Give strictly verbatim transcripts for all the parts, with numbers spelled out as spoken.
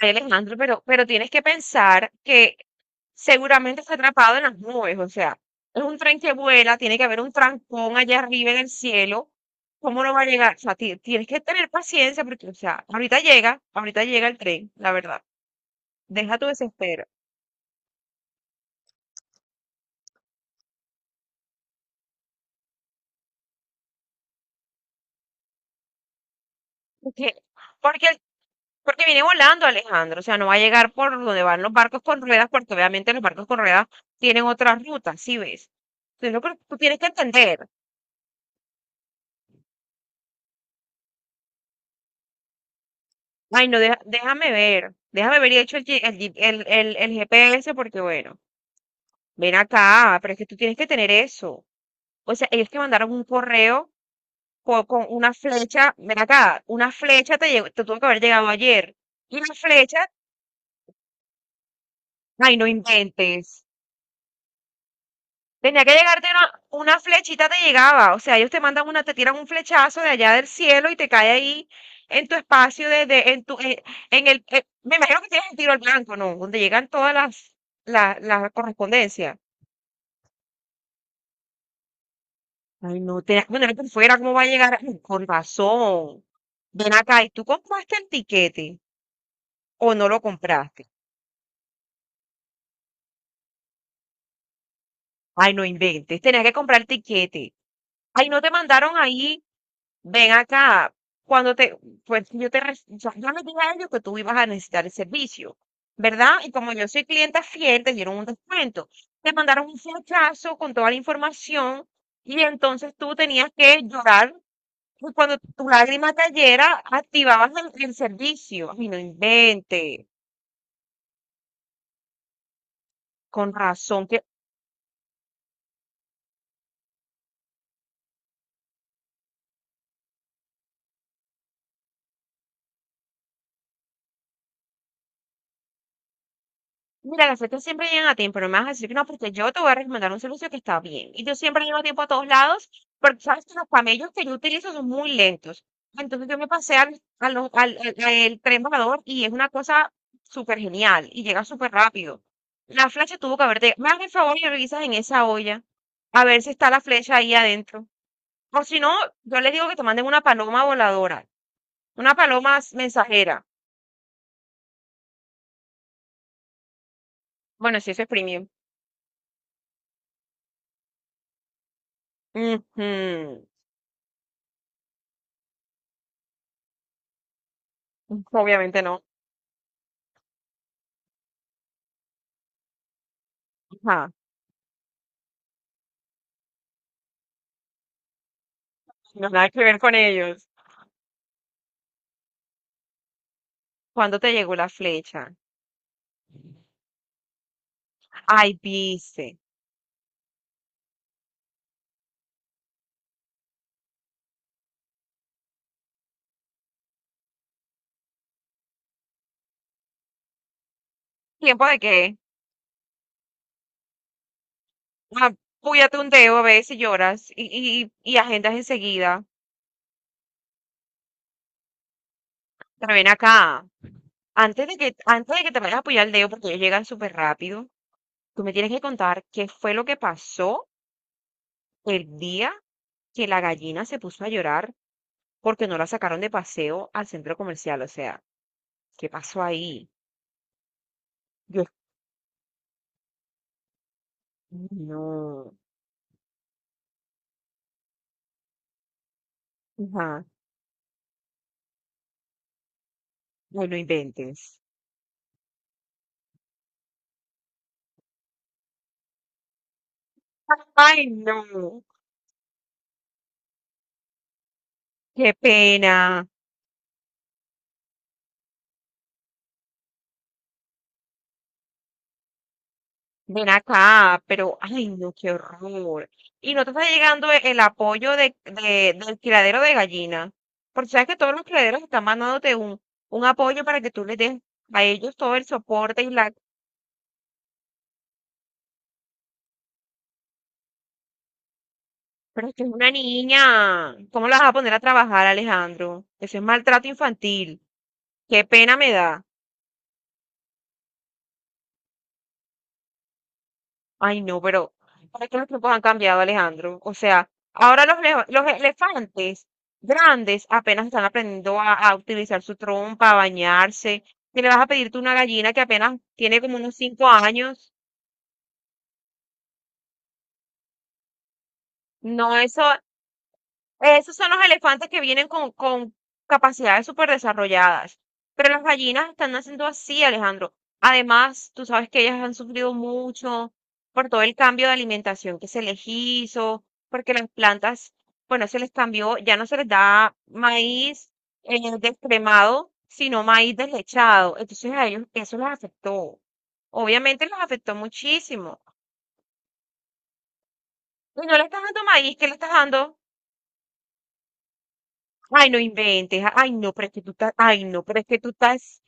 Ay, Alejandro, pero, pero tienes que pensar que seguramente está atrapado en las nubes, o sea, es un tren que vuela, tiene que haber un trancón allá arriba en el cielo, ¿cómo no va a llegar? O sea, ti- tienes que tener paciencia porque, o sea, ahorita llega, ahorita llega el tren, la verdad, deja tu desespero, porque, porque, el- porque viene volando Alejandro, o sea, no va a llegar por donde van los barcos con ruedas, porque obviamente los barcos con ruedas tienen otra ruta, ¿sí ves? Entonces, lo que tú tienes que entender. Ay, no, deja- déjame ver. Déjame ver y hecho el, G- el, G- el, el- el G P S porque, bueno, ven acá, pero es que tú tienes que tener eso. O sea, ellos te mandaron un correo co- con, una flecha, ven acá, una flecha te, llegó- te tuvo que haber llegado ayer. Y la flecha, ay, no inventes. Tenía que llegarte una, una flechita, te llegaba. O sea, ellos te mandan una, te tiran un flechazo de allá del cielo y te cae ahí en tu espacio, de, de- en tu, en, en el, eh, me imagino que tienes el tiro al blanco, ¿no? Donde llegan todas las, las, las correspondencias. Ay, no, tenías que ponerlo por fuera, ¿cómo va a llegar? Ay, con razón. Ven acá, ¿y tú compraste el tiquete o no lo compraste? Ay, no inventes. Tenías que comprar tiquete. Ay, no te mandaron ahí. Ven acá. Cuando te, pues yo te, re- yo yo les dije a ellos que tú ibas a necesitar el servicio, ¿verdad? Y como yo soy clienta fiel, te dieron un descuento. Te mandaron un flechazo con toda la información y entonces tú tenías que llorar. Y cuando tu lágrima cayera, activabas el, el servicio. Ay, no inventes. Con razón. Mira, las fechas siempre llegan a tiempo, no me vas a decir que no, porque yo te voy a recomendar un servicio que está bien. Y yo siempre llego a tiempo a todos lados, porque sabes que los camellos que yo utilizo son muy lentos. Entonces yo me pasé al, a lo- al, al- al tren volador y es una cosa súper genial y llega súper rápido. La flecha tuvo que haberte... Me hagas el favor y revisas en esa olla a ver si está la flecha ahí adentro. O si no, yo les digo que te manden una paloma voladora, una paloma mensajera. Bueno, si eso es premium. Ujú. Obviamente no. Ajá. No, nada que ver con ellos. ¿Cuándo te llegó la flecha? Ay, viste. ¿Tiempo de qué? Ah, púyate un dedo, ves y lloras y, y, y agendas enseguida. Pero ven acá. Antes de que, antes de que te vayas a apoyar el dedo, porque ellos llegan súper rápido, tú me tienes que contar qué fue lo que pasó el día que la gallina se puso a llorar porque no la sacaron de paseo al centro comercial. O sea, ¿qué pasó ahí? Yo, no. Ajá. Ay, no inventes. Ay, no. Qué pena, ven acá, pero ay, no, qué horror. Y no te está llegando e- el apoyo de, de- del criadero de gallinas, porque sabes que todos los criaderos están mandándote un, un apoyo para que tú les des a ellos todo el soporte y la... Pero es que es una niña, ¿cómo la vas a poner a trabajar, Alejandro? Eso es maltrato infantil, qué pena me da. Ay, no, pero ¿para qué los tiempos han cambiado, Alejandro? O sea, ahora los, leo- los elefantes grandes apenas están aprendiendo a, a utilizar su trompa, a bañarse. Si le vas a pedirte una gallina que apenas tiene como unos cinco años, no, eso Esos son los elefantes que vienen con, con capacidades súper desarrolladas. Pero las gallinas están naciendo así, Alejandro. Además, tú sabes que ellas han sufrido mucho por todo el cambio de alimentación que se les hizo, porque las plantas, bueno, se les cambió, ya no se les da maíz eh, descremado, sino maíz deslechado. Entonces a ellos eso les afectó. Obviamente les afectó muchísimo. Y no le estás dando maíz, ¿qué le estás dando? Ay, no inventes. Ay, no, pero es que tú estás, ay, no, pero es que tú estás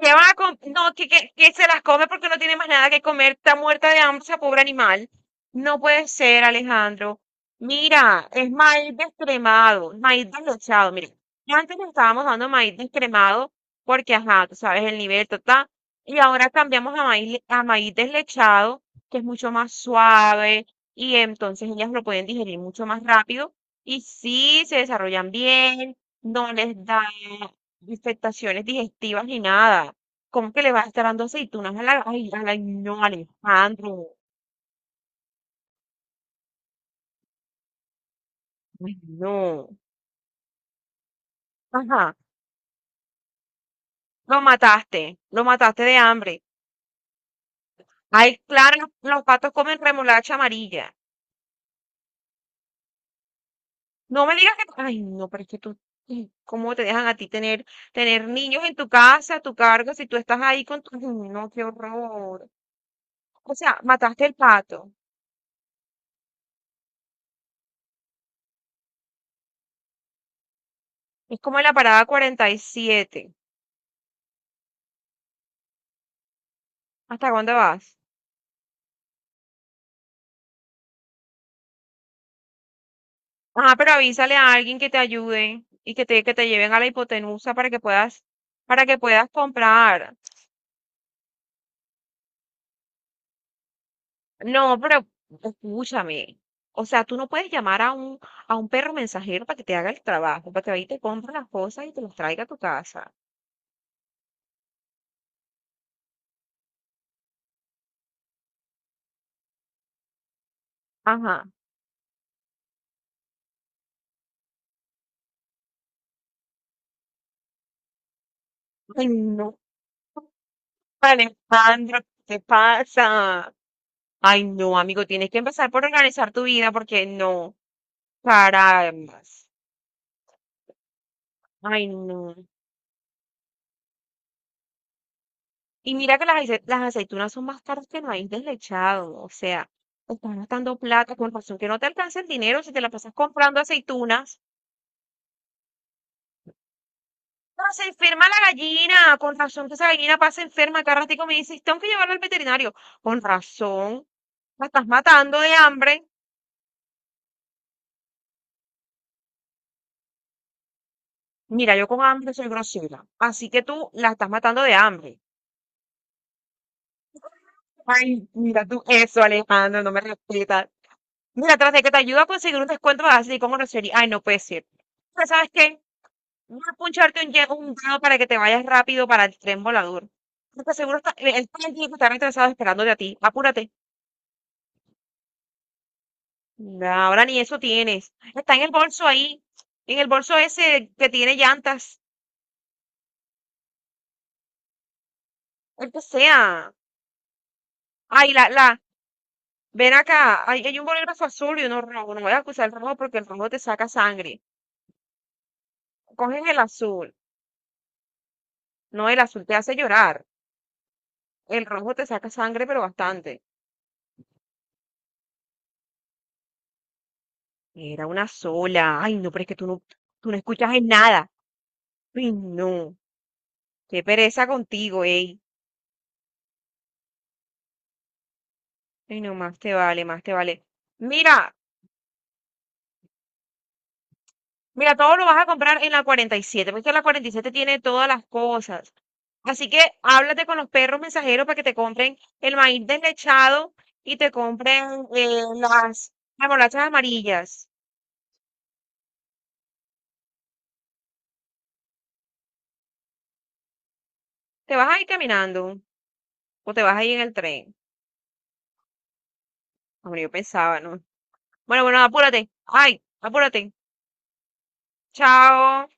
¿Qué van a com- No, que, que, que se las come porque no tiene más nada que comer. Está muerta de hambre esa pobre animal. No puede ser, Alejandro. Mira, es maíz descremado, maíz deslechado. Mira, antes le estábamos dando maíz descremado porque, ajá, tú sabes el nivel total. Y ahora cambiamos a maíz, le- a maíz deslechado, que es mucho más suave y entonces ellas lo pueden digerir mucho más rápido. Y sí, se desarrollan bien, no les da infectaciones digestivas ni nada. ¿Cómo que le vas a estar dando aceitunas a la... Ay, a la- no, Alejandro. Ay, no. Ajá, lo mataste. Lo mataste de hambre. Ay, claro, los, los patos comen remolacha amarilla. No me digas que... Ay, no, pero es que tú... ay, ¿cómo te dejan a ti tener, tener niños en tu casa, a tu cargo, si tú estás ahí con tu... Ay, no, qué horror. O sea, mataste el pato. Es como en la parada cuarenta y siete. ¿Hasta dónde vas? Ajá, pero avísale a alguien que te ayude y que te, que te lleven a la hipotenusa para que puedas, para que puedas comprar. No, pero escúchame. O sea, tú no puedes llamar a un, a un perro mensajero para que te haga el trabajo, para que vaya y te compre las cosas y te las traiga a tu casa. Ajá. Ay, no, Alejandro, ¿qué te pasa? Ay, no, amigo, tienes que empezar por organizar tu vida porque no, caramba. Ay, no. Y mira que las, ace- las aceitunas son más caras que el maíz deslechado, o sea, estás gastando plata, con razón que no te alcanza el dinero si te la pasas comprando aceitunas. No, se enferma la gallina, con razón que esa gallina pasa enferma, cada ratico me dices, tengo que llevarla al veterinario. Con razón, la estás matando de hambre. Mira, yo con hambre soy grosera, así que tú la estás matando de hambre. Ay, mira tú eso, Alejandro, no me respetas. Mira, tras de que te ayuda a conseguir un descuento, vas a decir con grosería. Ay, no puede ser. Pero ¿sabes qué? No puncharte un, ye- un dedo para que te vayas rápido para el tren volador. Porque seguro está, el el tren tiene que estar interesado esperándote a ti. Apúrate. No, ahora ni eso tienes. Está en el bolso ahí. En el bolso ese que tiene llantas. El que sea. Ay, la, la. Ven acá. Hay, hay un bolígrafo azul y uno rojo. No voy a acusar el rojo porque el rojo te saca sangre. Coges el azul. No, el azul te hace llorar. El rojo te saca sangre, pero bastante. Era una sola. Ay, no, pero es que tú no, tú no escuchas en nada. Ay, no. Qué pereza contigo, ey. Ay, no, más te vale, más te vale. Mira, mira, todo lo vas a comprar en la cuarenta y siete porque la cuarenta y siete tiene todas las cosas. Así que háblate con los perros mensajeros para que te compren el maíz deslechado y te compren eh, las, las bolachas amarillas. ¿Te vas a ir caminando o te vas a ir en el tren? Hombre, yo pensaba, ¿no? Bueno, bueno, apúrate. Ay, apúrate. Chao.